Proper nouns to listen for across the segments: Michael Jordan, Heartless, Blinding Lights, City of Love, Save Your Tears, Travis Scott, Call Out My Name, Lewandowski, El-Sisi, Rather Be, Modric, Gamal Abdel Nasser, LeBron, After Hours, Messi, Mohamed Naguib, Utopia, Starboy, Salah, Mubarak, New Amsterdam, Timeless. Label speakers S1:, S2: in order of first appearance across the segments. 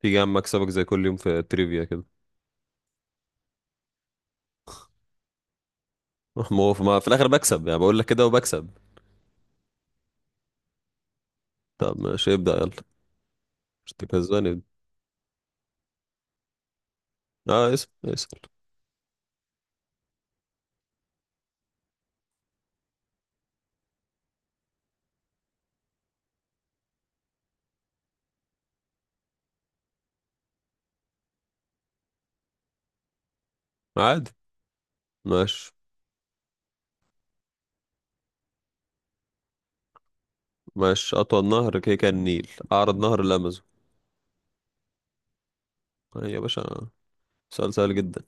S1: تيجي يا عم اكسبك زي كل يوم في التريفيا كده. ما هو ما في الاخر بكسب يعني بقول لك كده وبكسب. طب ماشي ابدا يلا. مش تكذبني. اه، اسال. عادي. ماشي. ماشي، اطول نهر كده كان النيل، اعرض نهر الامازون. آه يا باشا. سؤال سهل جدا.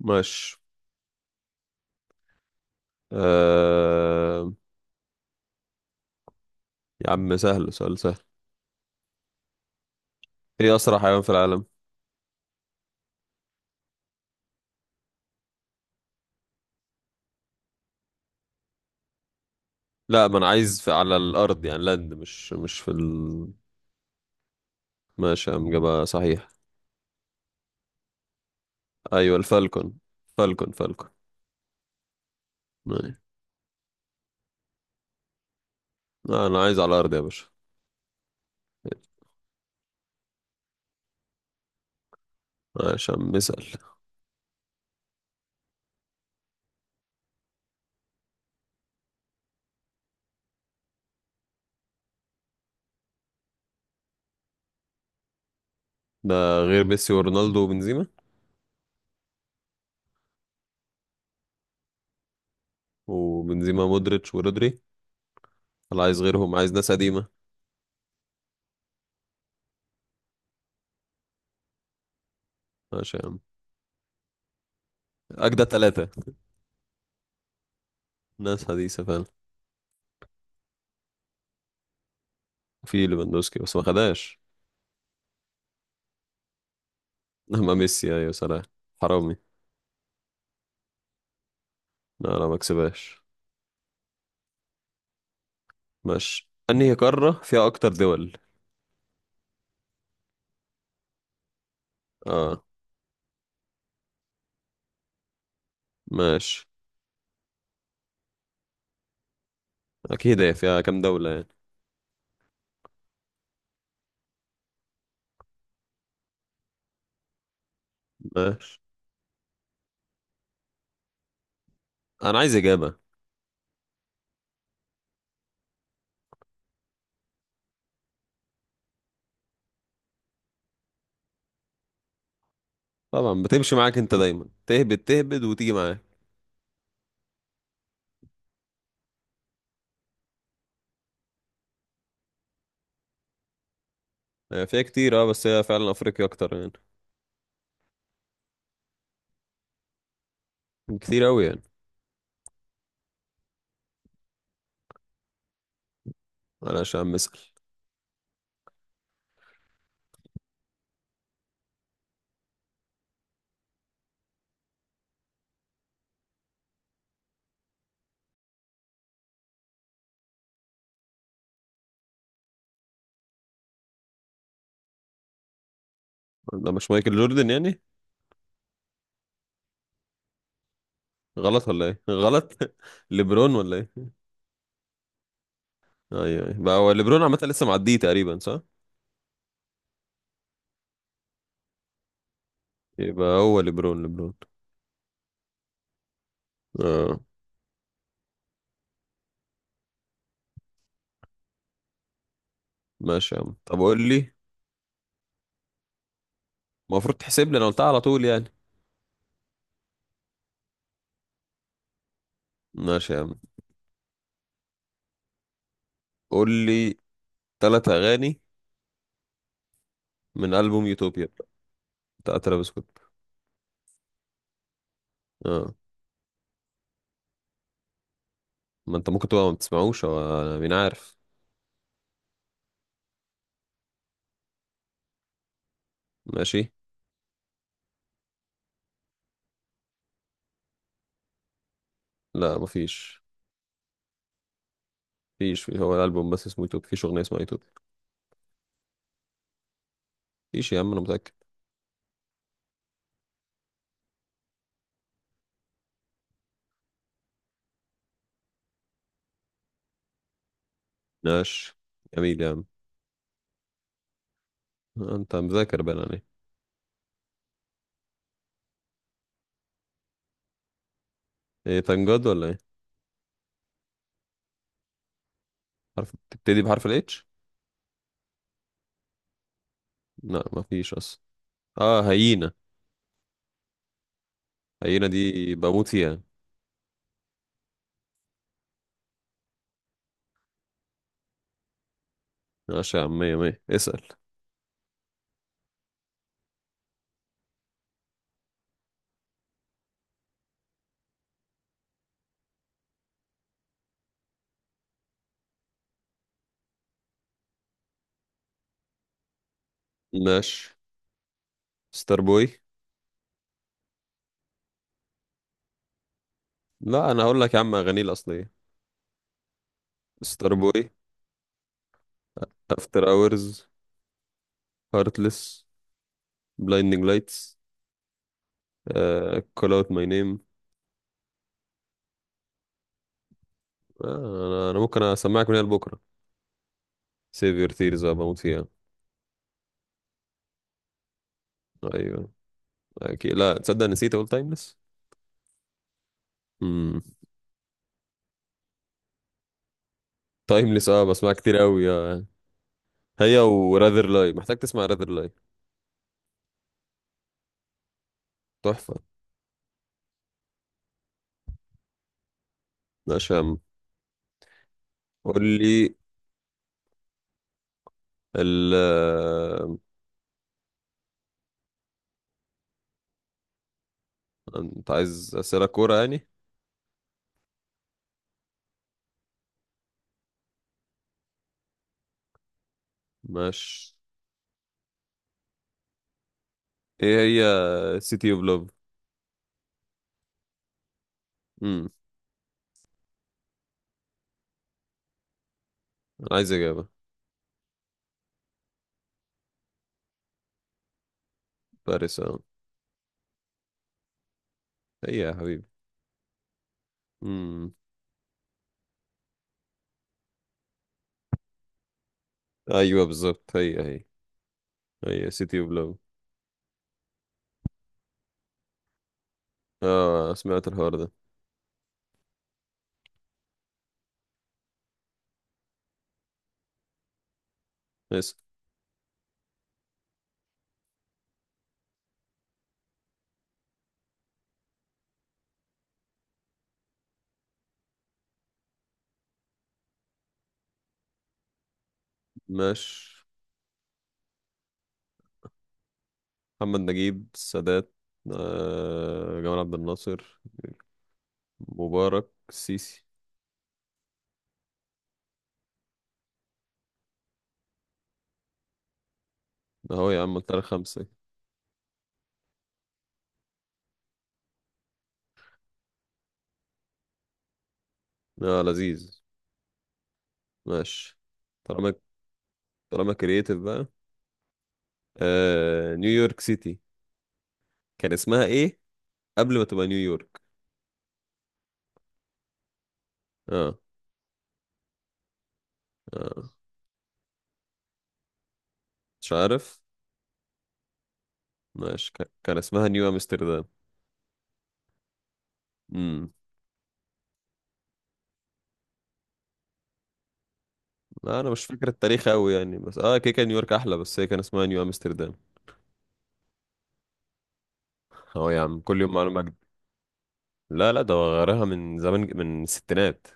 S1: ماشي. آه... يا عم سهل، سؤال سهل. ايه اسرع حيوان في العالم؟ لا ما انا عايز على الارض يعني لاند، مش مش في ال... ماشي يا عم جابها صحيح. ايوه الفالكون. فالكون فالكون. آه. انا عايز على الارض يا باشا. عشان بسأل. ده غير ميسي ورونالدو وبنزيما. وبنزيما مودريتش ورودري. انا عايز غيرهم، عايز ناس قديمة. عشان أجدى ثلاثة. ناس حديثة فعلا. في ليفاندوسكي بس ما خدهاش. أما ميسي أيوة. صلاح حرامي. لا لا ما كسبهاش. ماشي، أنهي قارة فيها أكتر دول؟ اه. ماشي. أكيد هي فيها كام دولة يعني. ماشي. أنا عايز إجابة. طبعا بتمشي معاك، أنت دايما تهبد تهبد وتيجي معاك. هي فيها كتير اه، بس هي فعلا أفريقيا أكتر يعني. كتير قوي يعني. انا عشان بسأل. ده مش مايكل جوردن يعني؟ غلط ولا ايه، غلط؟ ليبرون ولا ايه؟ ايوه ايوه بقى، هو ليبرون عامه لسه معديه تقريبا صح. يبقى هو ليبرون ليبرون. اه ماشي يا عم، طب قول لي. المفروض تحسب لي، انا قلتها على طول يعني. ماشي يا عم. قول لي ثلاث اغاني من البوم يوتوبيا بتاع ترافيس سكوت. اه ما انت ممكن تبقى ما بتسمعوش، هو أنا مين عارف. ماشي. لا مفيش. مفيش، هو الالبوم بس اسمه يوتوبيا، مفيش اغنيه اسمها يوتوبيا. مفيش يا عم انا متاكد. نقش. جميل يا عم. انت مذاكر بقى انا ليه. ايه تنجد ولا ايه؟ حرف بتبتدي بحرف الاتش؟ لا مفيش اصلا. اه، هيينة. هيينة دي بموت فيها. ماشي يا عم، مية مية اسأل. ماشي. ستار بوي. لا انا هقول لك يا عم اغانيه الاصلية. ستار بوي، افتر اورز، هارتلس، بلايندنج لايتس، كول اوت ماي نيم. انا ممكن اسمعك من هنا لبكره. سيف يور تيرز بموت فيها. ايوه اكيد، لا تصدق نسيت اقول تايمليس. تايمليس اه، بسمعها كتير قوي اه يعني. هي وراذر لاي، محتاج تسمع راذر لاي. تحفة. عشان قول لي ال آه، انت عايز أسئلة كورة يعني. ماشي. ايه. هي سيتي اوف لوف. امم انا عايز اجابة. باريس اه. هي يا حبيبي. امم ايوه بالظبط، هي هي. هي سيتي اوف لوف. اه سمعت الحوار ده. اسم. ماشي. محمد نجيب، السادات، جمال عبد الناصر، مبارك، السيسي. اهو يا عم قلت لك خمسة. اه لذيذ. ماشي. طالما، طالما كرييتيف بقى. نيويورك سيتي، كان اسمها ايه قبل ما تبقى نيويورك؟ اه. اه مش عارف. ماشي، كان اسمها نيو امستردام. امم لا انا مش فاكر التاريخ قوي يعني، بس اه كده كان نيويورك احلى، بس هي كان اسمها نيو امستردام. اهو يا عم كل يوم معلومة جديدة. لا لا، ده هو غيرها من زمان، من الستينات.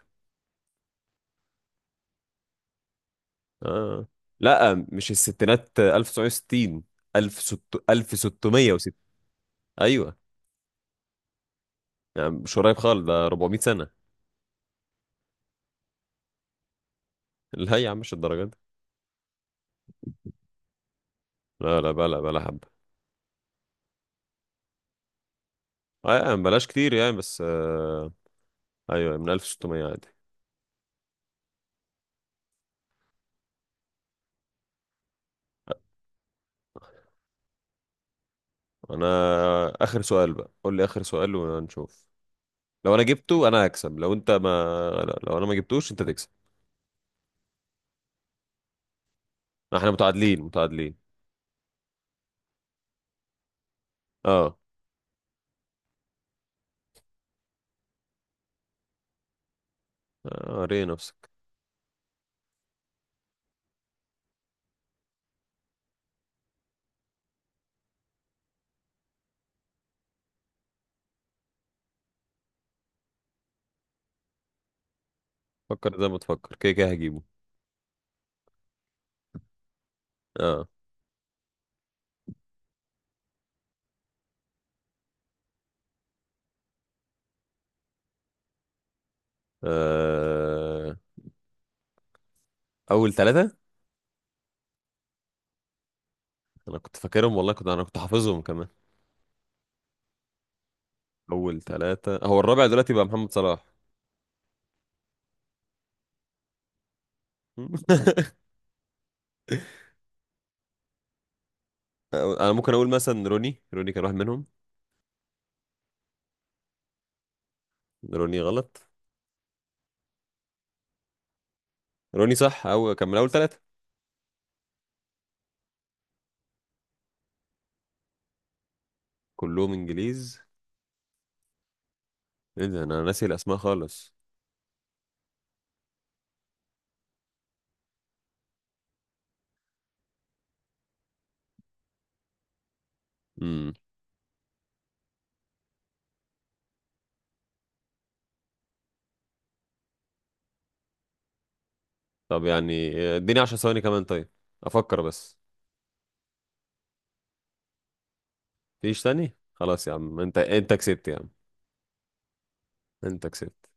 S1: اه. لا مش الستينات، 1960، 1600، 1660. ايوه يا عم، مش قريب خالص ده 400 سنة. لا يا عم مش الدرجة دي. لا لا، بلا بلا حبة. اه يا عم، بلاش كتير يعني بس آه. ايوه، من 1600 عادي. انا اخر سؤال بقى، قول لي اخر سؤال ونشوف. لو انا جبته انا هكسب، لو انت ما... لا لو انا ما جبتوش انت تكسب. احنا متعادلين متعادلين. اه. ري نفسك. فكر زي ما تفكر، كده كده هجيبه. اه. آه، اول ثلاثة. انا كنت فاكرهم والله، كنت انا كنت حافظهم كمان. اول ثلاثة هو الرابع دلوقتي بقى محمد صلاح. انا ممكن اقول مثلا روني، روني كان واحد منهم. روني غلط. روني صح، او كان من اول ثلاثة. كلهم انجليز. ايه ده، انا ناسي الاسماء خالص. امم طب يعني اديني 10 ثواني كمان طيب، افكر بس. فيش تاني، خلاص يا عم، انت كسبت يا عم. انت كسبت.